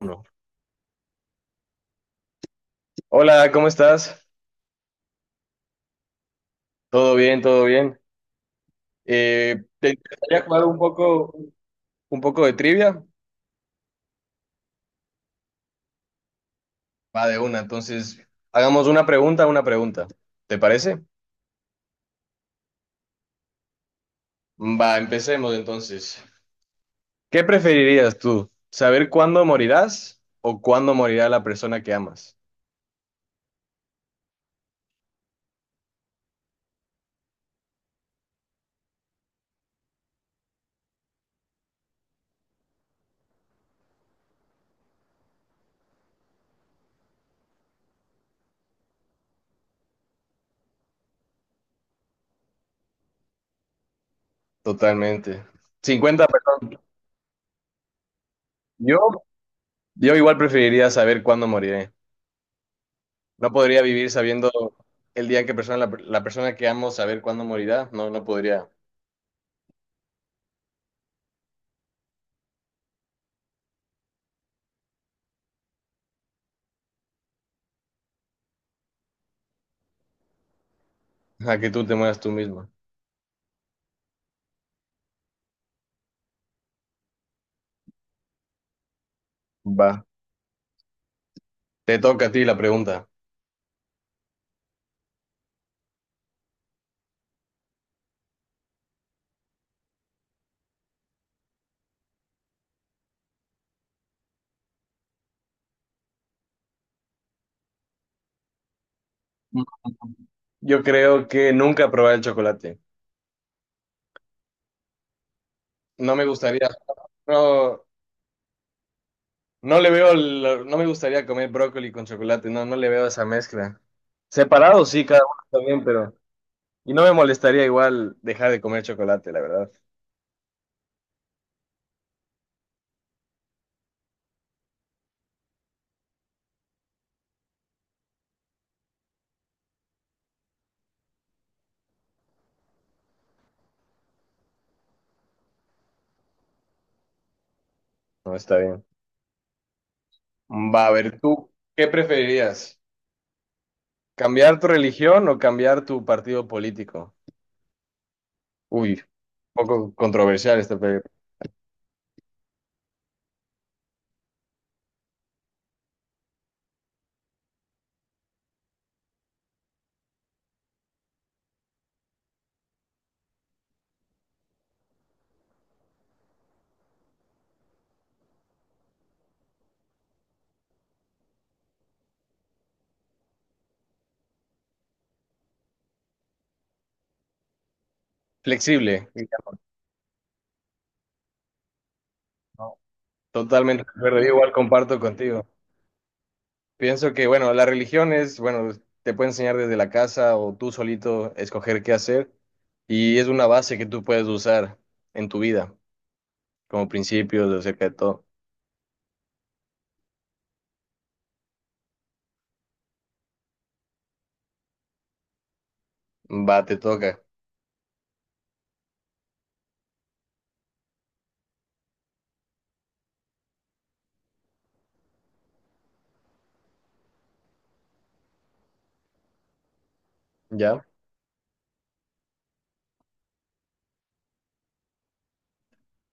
Uno. Hola, ¿cómo estás? Todo bien, todo bien. ¿Te interesaría jugar un poco de trivia? Va de una, entonces hagamos una pregunta, una pregunta. ¿Te parece? Va, empecemos entonces. ¿Qué preferirías tú? ¿Saber cuándo morirás o cuándo morirá la persona que amas? Totalmente. 50 personas. Yo, yo igual preferiría saber cuándo moriré. No podría vivir sabiendo el día en que la persona que amo saber cuándo morirá. No, no podría. Ajá, que tú te mueras tú misma. Va. Te toca a ti la pregunta. Yo creo que nunca probar el chocolate. No me gustaría, no, no le veo, no me gustaría comer brócoli con chocolate, no, no le veo esa mezcla. Separado sí, cada uno también, pero. Y no me molestaría igual dejar de comer chocolate, la verdad. No está bien. Va, a ver, ¿tú qué preferirías? ¿Cambiar tu religión o cambiar tu partido político? Uy, un poco controversial esta, pero flexible. Totalmente de acuerdo, yo igual comparto contigo. Pienso que, bueno, la religión es, bueno, te puede enseñar desde la casa o tú solito escoger qué hacer y es una base que tú puedes usar en tu vida como principios acerca de todo. Va, te toca, ¿ya?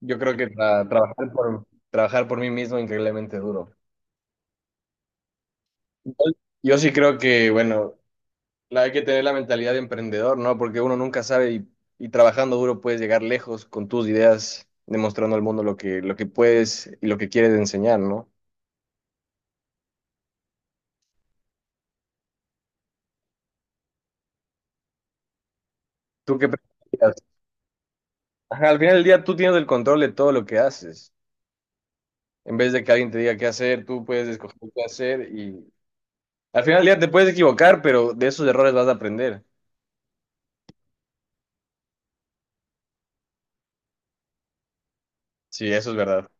Yo creo que trabajar por mí mismo es increíblemente duro. Igual, yo sí creo que, bueno, la hay que tener la mentalidad de emprendedor, ¿no? Porque uno nunca sabe y trabajando duro puedes llegar lejos con tus ideas, demostrando al mundo lo que puedes y lo que quieres enseñar, ¿no? ¿Tú qué preferirías? Ajá, al final del día tú tienes el control de todo lo que haces. En vez de que alguien te diga qué hacer, tú puedes escoger qué hacer y al final del día te puedes equivocar, pero de esos errores vas a aprender. Sí, eso es verdad.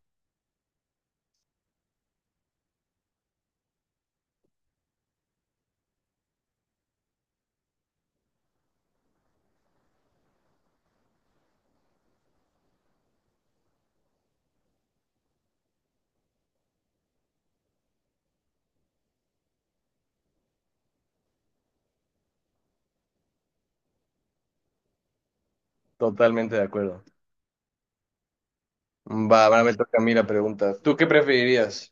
Totalmente de acuerdo. Va, ahora me toca a mí la pregunta. ¿Tú qué preferirías?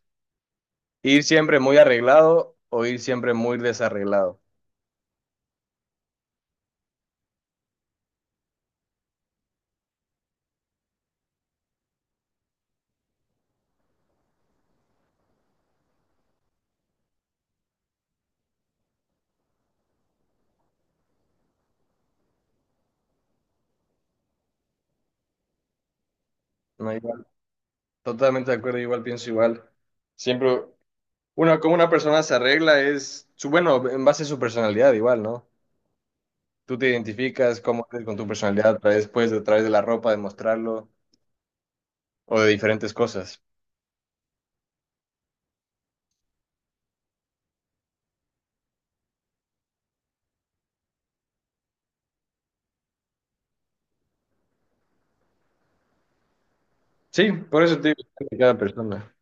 ¿Ir siempre muy arreglado o ir siempre muy desarreglado? No, igual, totalmente de acuerdo, igual pienso igual. Siempre, uno, como una persona se arregla es, su, bueno, en base a su personalidad igual, ¿no? Tú te identificas cómo eres con tu personalidad a través, pues, a través de la ropa, de mostrarlo, o de diferentes cosas. Sí, por eso te digo, depende de cada persona.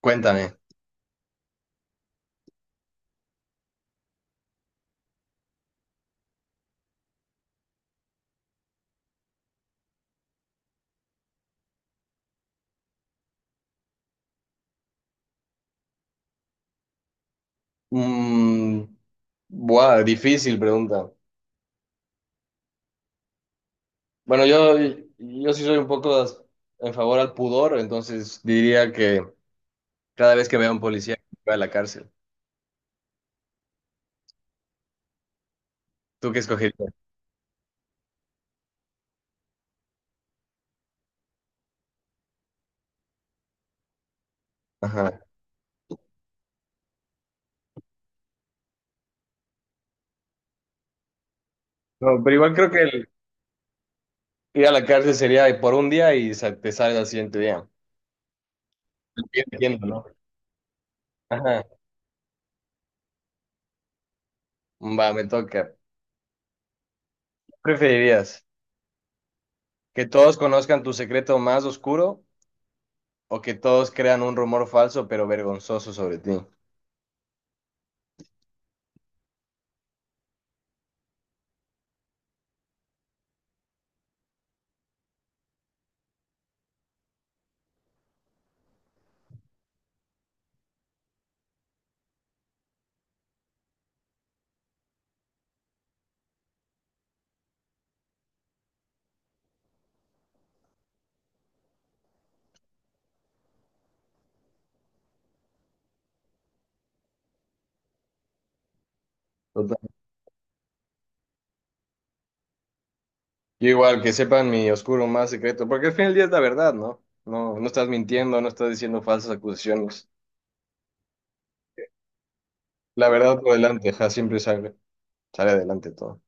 Cuéntame. Mm, buah, difícil pregunta. Bueno, yo sí soy un poco en favor al pudor, entonces diría que cada vez que vea a un policía, va a la cárcel. ¿Tú qué escogerías? Ajá. No, pero igual creo que el ir a la cárcel sería de por un día y te sale al siguiente día. Entiendo, ¿no? Ajá. Va, me toca. ¿Qué preferirías? ¿Que todos conozcan tu secreto más oscuro o que todos crean un rumor falso pero vergonzoso sobre ti? Total. Yo igual que sepan mi oscuro más secreto, porque al fin del día es la verdad, ¿no? No, no estás mintiendo, no estás diciendo falsas acusaciones. La verdad por delante, ja, siempre sale adelante todo.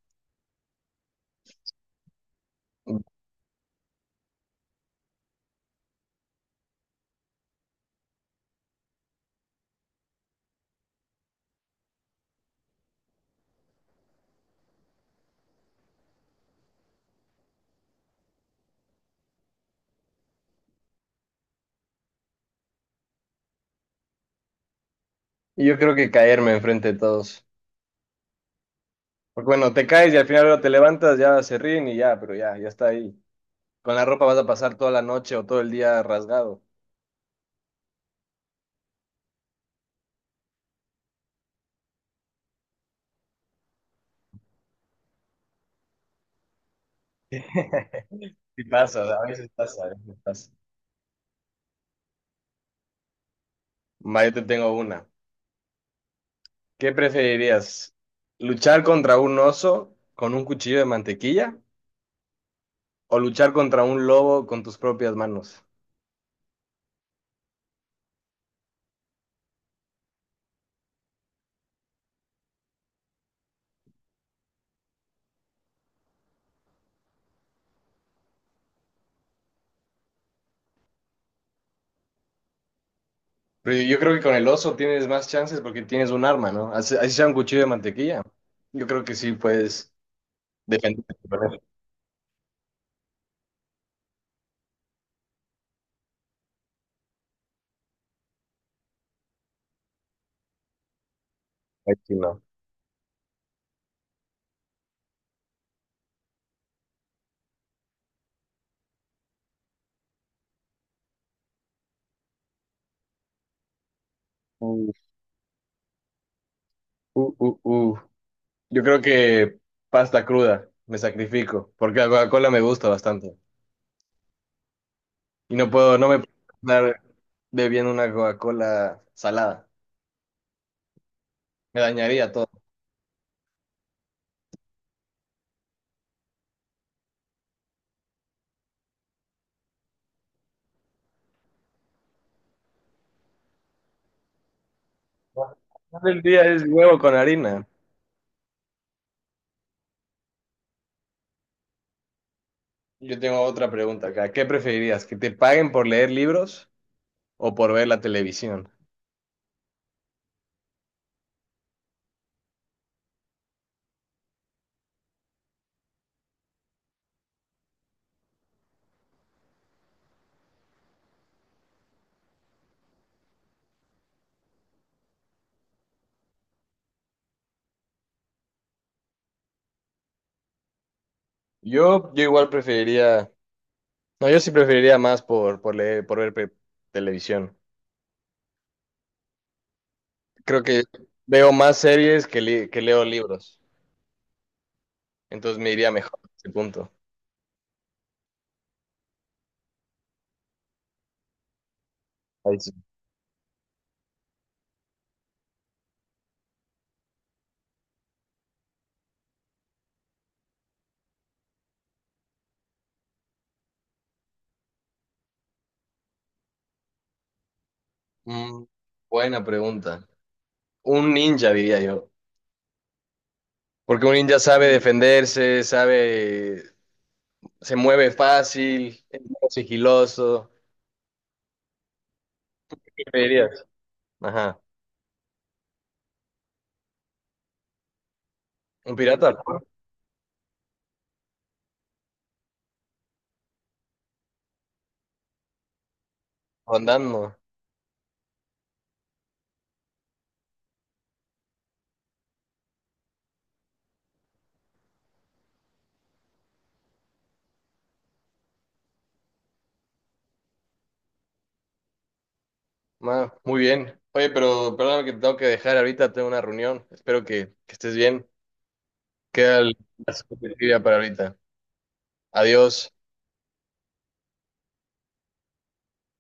Y yo creo que caerme enfrente de todos. Porque bueno, te caes y al final luego te levantas, ya se ríen y ya, pero ya, ya está ahí. Con la ropa vas a pasar toda la noche o todo el día rasgado. Sí pasa, a veces pasa, a veces pasa. Va, yo te tengo una. ¿Qué preferirías? ¿Luchar contra un oso con un cuchillo de mantequilla o luchar contra un lobo con tus propias manos? Pero yo creo que con el oso tienes más chances porque tienes un arma, ¿no? Así, así sea un cuchillo de mantequilla. Yo creo que sí puedes defenderte con eso. Ay, sí, no. Uh, uh, uh, uh. Yo creo que pasta cruda, me sacrifico, porque la Coca-Cola me gusta bastante. Y no puedo, no me puedo estar bebiendo una Coca-Cola salada. Me dañaría todo. El día es huevo con harina. Yo tengo otra pregunta acá. ¿Qué preferirías? ¿Que te paguen por leer libros o por ver la televisión? Yo igual preferiría. No, yo sí preferiría más por, leer, por ver televisión. Creo que veo más series que leo libros. Entonces me iría mejor a ese punto. Mm, buena pregunta. Un ninja, diría yo. Porque un ninja sabe defenderse, sabe, se mueve fácil, es más sigiloso. ¿Qué me dirías? Ajá. Un pirata, ¿no? Andando. Ma, muy bien. Oye, pero perdóname que te tengo que dejar ahorita, tengo una reunión. Espero que estés bien. Queda la supervivencia para ahorita. Adiós.